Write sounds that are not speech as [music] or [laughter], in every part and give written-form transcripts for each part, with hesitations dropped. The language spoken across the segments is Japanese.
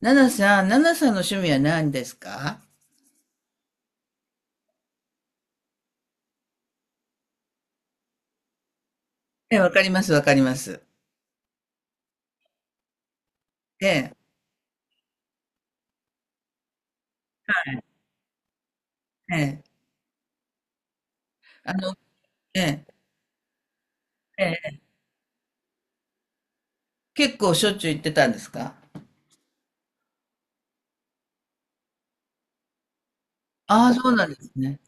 ナナさん、ナナさんの趣味は何ですか？え、わかります、わかります。ええ、ええ、あの、ええ、ええ。結構しょっちゅう行ってたんですか？ああ、そうなんですね。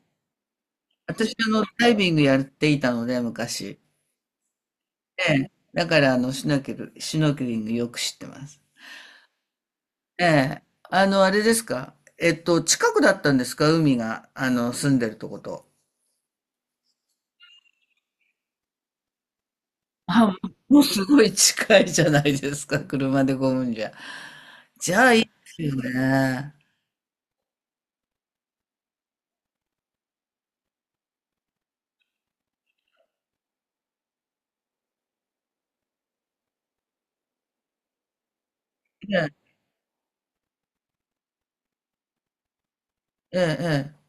私、ダイビングやっていたので、昔。ええ、だから、シュノーケリングよく知ってます。ええ、あれですか？近くだったんですか、海が、住んでるとこと。あ、もうすごい近いじゃないですか、車で5んじゃ。じゃあ、いいですよね。ええ、ええ。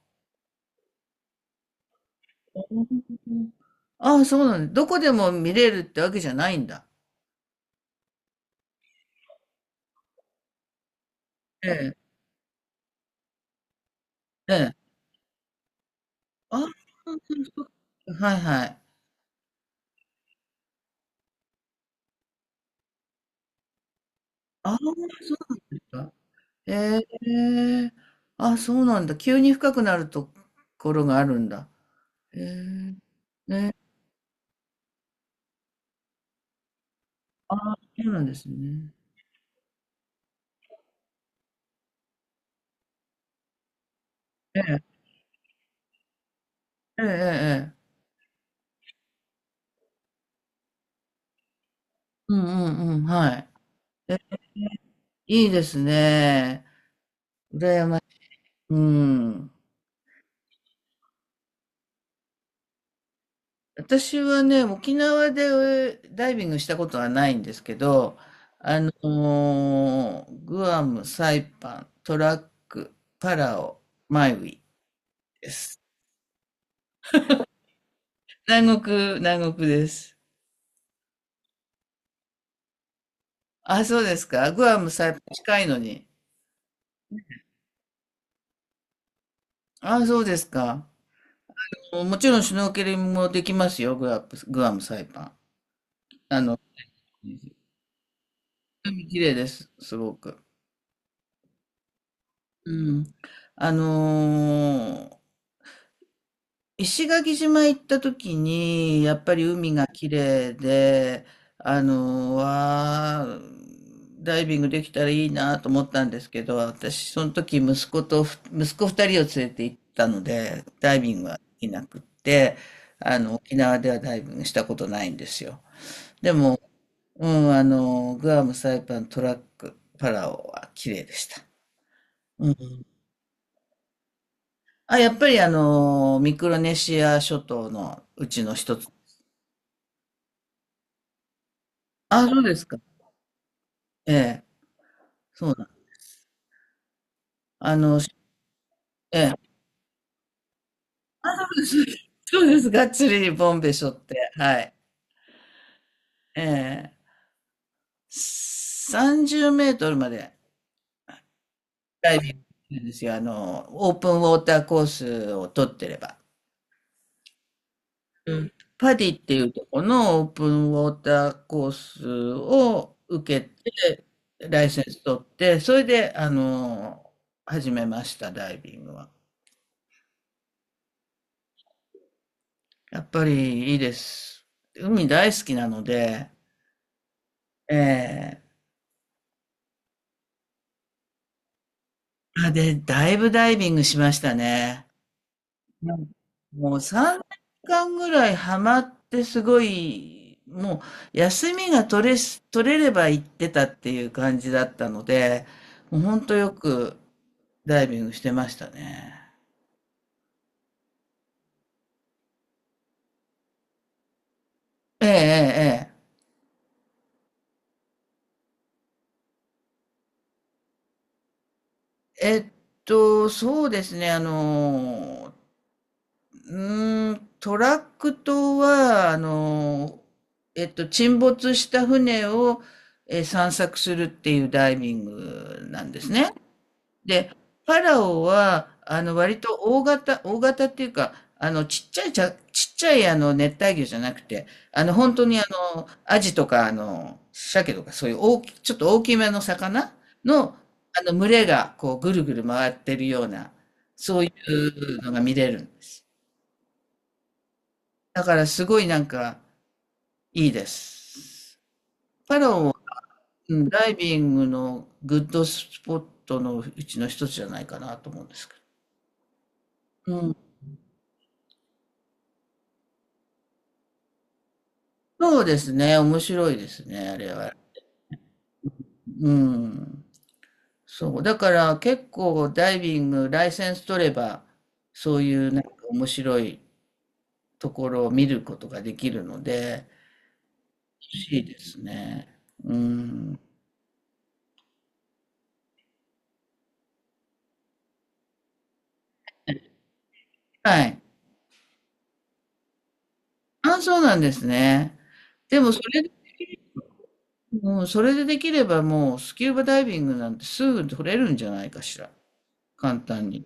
ああ、そうなんだ。どこでも見れるってわけじゃないんだ。ええ、ええ。ああ、そうそうそう、はいはい。ああ、そうなんですか。ええ。あ、そうなんだ。急に深くなるところがあるんだ。ええ。ね。ああ、そうなんですね。ええ、ええ、ええ。ええ、うんうんうん、はい。え、いいですね。羨ましい。うん。私はね、沖縄でダイビングしたことはないんですけど、あのグアム、サイパン、トラック、パラオ、マイウィです。南国、南国です。あ、そうですか。グアム、サイパン近いのに。あ、そうですか。もちろんシュノーケリングもできますよ、グアム、グアム、サイパン。あの、海綺麗です、すごく。うん。あのー石垣島行った時に、やっぱり海が綺麗で、わあ、ダイビングできたらいいなと思ったんですけど、私、その時息子と息子二人を連れて行ったので、ダイビングはできなくって、沖縄ではダイビングしたことないんですよ。でも、うん、グアム、サイパン、トラック、パラオは綺麗でした。うん。あ、やっぱりミクロネシア諸島のうちの一つ。あ、そうですか。ええ、そうなん。あの、しええ、あ、そうです。[laughs] そうです。がっつりボンベ背負って、はい。ええ、30メートルまでダイビングするんですよ。オープンウォーターコースを取ってれば。うん。パディっていうとこのオープンウォーターコースを受けて、ライセンス取って、それで、始めました、ダイビングは。やっぱりいいです。海大好きなので、ええ、あ、で、だいぶダイビングしましたね。うん。もう3年間ぐらいハマってすごい、もう休みが取れれば行ってたっていう感じだったので、もうほんとよくダイビングしてましたね。ええええええ。そうですね、トラック島は、沈没した船を、散策するっていうダイビングなんですね。で、パラオは、割と大型、大型っていうか、ちっちゃい、熱帯魚じゃなくて、本当に、アジとか、鮭とか、そういうちょっと大きめの魚の、群れが、こう、ぐるぐる回ってるような、そういうのが見れるんです。だからすごいなんかいいです。パラオも、うん、ダイビングのグッドスポットのうちの一つじゃないかなと思うんですけど。うん。そうですね。面白いですね、あれは。うん。そう。だから結構ダイビング、ライセンス取れば、そういうなんか面白いところを見ることができるので、欲しいですね。うん。はい。あ、そうなんですね。でもそれもうそれでできればもうスキューバダイビングなんてすぐ取れるんじゃないかしら。簡単に。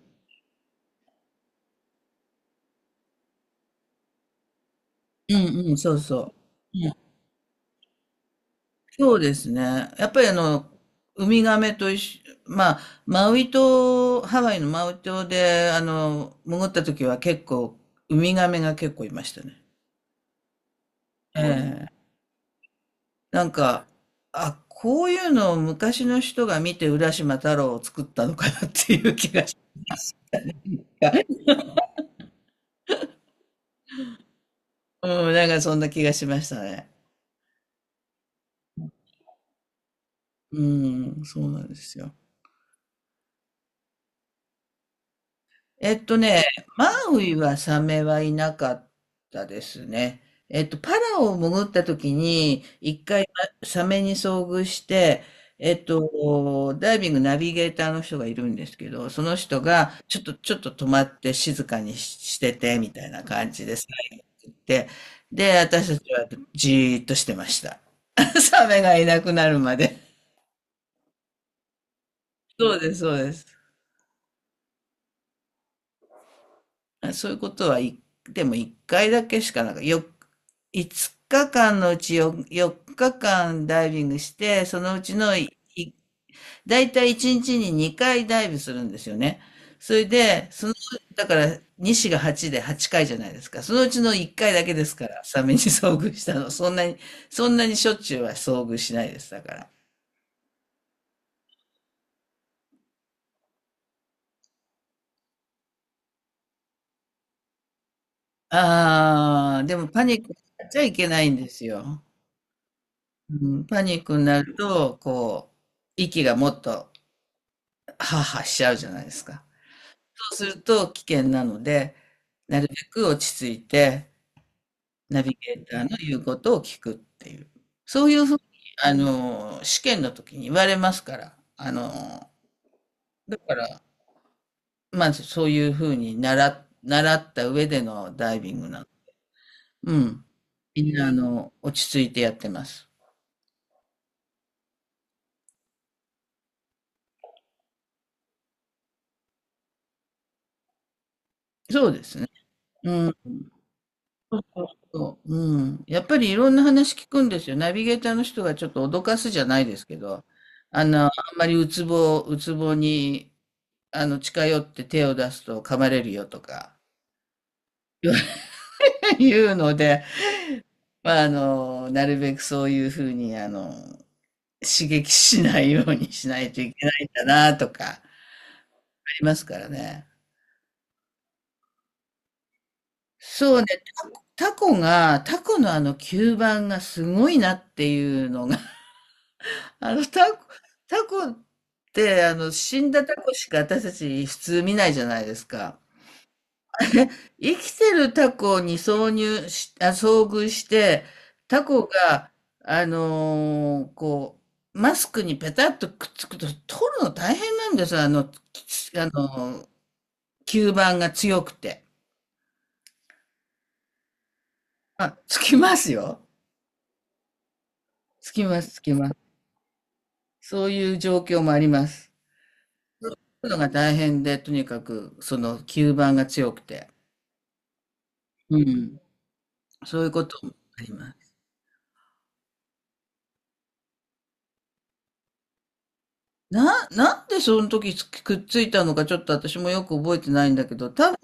うんうん、そうそう。うん、そうですね。やっぱりウミガメと一緒、まあ、マウイ島、ハワイのマウイ島で、潜った時は結構、ウミガメが結構いましたね。ええ。なんか、あ、こういうのを昔の人が見て浦島太郎を作ったのかなっていう気がした。うん、なんかそんな気がしましたね。うん、そうなんですよ。ね、マウイはサメはいなかったですね。パラオを潜った時に、一回サメに遭遇して、ダイビングナビゲーターの人がいるんですけど、その人が、ちょっと止まって静かにしてて、みたいな感じでさ、言って、で、私たちはじーっとしてました。[laughs] サメがいなくなるまで。そうです、そうです。そういうこと、はい。でも1回だけしかなんか、5日間のうち4日間ダイビングして、そのうちのいたい1日に2回ダイブするんですよね。それで、だから、西が8で8回じゃないですか。そのうちの1回だけですから、サメに遭遇したの。そんなに、そんなにしょっちゅうは遭遇しないです、だから。ああ、でもパニックになっちゃいけないんですよ。うん、パニックになると、こう、息がもっとハアハアしちゃうじゃないですか。そうすると危険なので、なるべく落ち着いて、ナビゲーターの言うことを聞くっていう。そういうふうに、試験の時に言われますから。だから、まずそういうふうに習った上でのダイビングなの。うん。みんな、落ち着いてやってます。そうですね。うん。そう、うん。やっぱりいろんな話聞くんですよ。ナビゲーターの人がちょっと脅かすじゃないですけど、あんまりうつぼに、近寄って手を出すと噛まれるよとか [laughs] 言うので、まあ、なるべくそういうふうに、刺激しないようにしないといけないんだなとか、ありますからね。そうね、タコのあの吸盤がすごいなっていうのがあの、タコ、タコって、死んだタコしか私たち普通見ないじゃないですか。[laughs] ね、生きてるタコに挿入し、あ、遭遇して、タコが、こう、マスクにペタッとくっつくと、取るの大変なんですよ。あの、きあのー、吸盤が強くて。あ、つきますよ。つきます、つきます。そういう状況もあります。取るのが大変で、とにかく、その吸盤が強くて。うん。そういうこともあります。なんでその時つくっついたのかちょっと私もよく覚えてないんだけど、多分、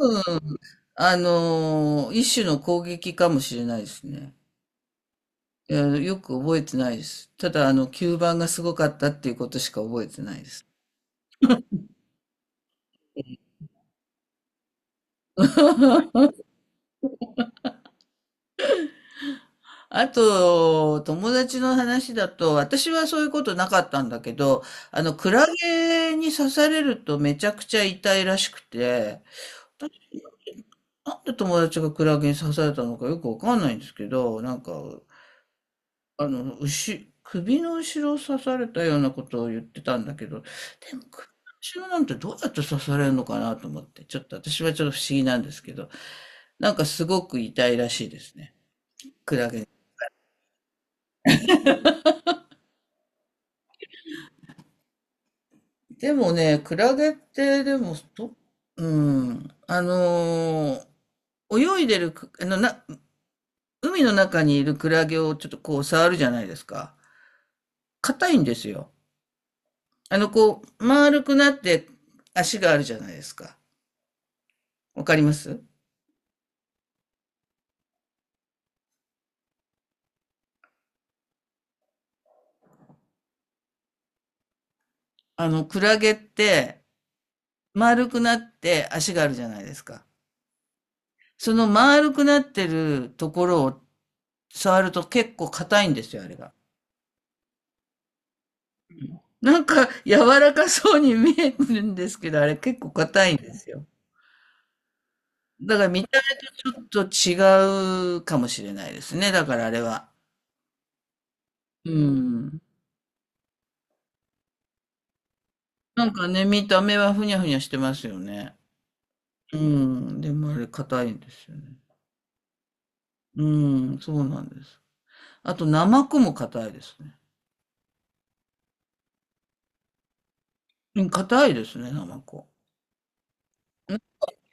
一種の攻撃かもしれないですね。いや、よく覚えてないです。ただ、吸盤がすごかったっていうことしか覚えてないです。[laughs] あと、友達の話だと、私はそういうことなかったんだけど、クラゲに刺されるとめちゃくちゃ痛いらしくて、なんで友達がクラゲに刺されたのかよくわかんないんですけど、なんか、首の後ろを刺されたようなことを言ってたんだけど、でも首の後ろなんてどうやって刺されるのかなと思って、ちょっと私はちょっと不思議なんですけど、なんかすごく痛いらしいですね。クラゲ。でもね、クラゲってでも、どうん、泳いでるく、あのな、海の中にいるクラゲをちょっとこう触るじゃないですか。硬いんですよ。こう、丸くなって足があるじゃないですか。わかります？クラゲって丸くなって足があるじゃないですか。その丸くなってるところを触ると結構硬いんですよ、あれが。なんか柔らかそうに見えるんですけど、あれ結構硬いんですよ。だから見た目ちょっと違うかもしれないですね。だからあれは。うん。なんかね、見た目はふにゃふにゃしてますよね。うん。でもあれ硬いんですよね。うーん、そうなんです。あと、ナマコも硬いですね。うん、硬いですね、ナマコ。うん、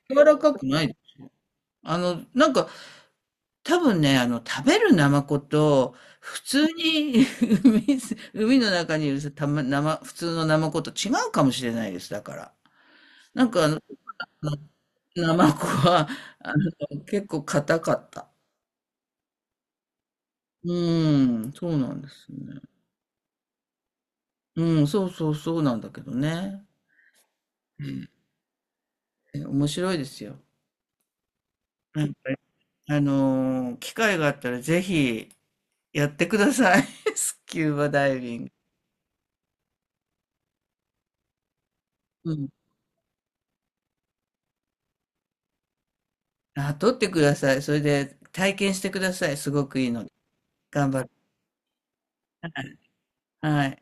柔らかくないです。なんか、多分ね、食べるナマコと、普通に [laughs] 海の中にいる、たま、生普通のナマコと違うかもしれないです、だから。なんか、ナマコは、結構硬かった。うーん、そうなんですね。うん、そうそうそうなんだけどね。うん、面白いですよ。なんか機会があったらぜひやってください。[laughs] スキューバダイビング。うん。あ、撮ってください。それで体験してください。すごくいいので。頑張る。はい。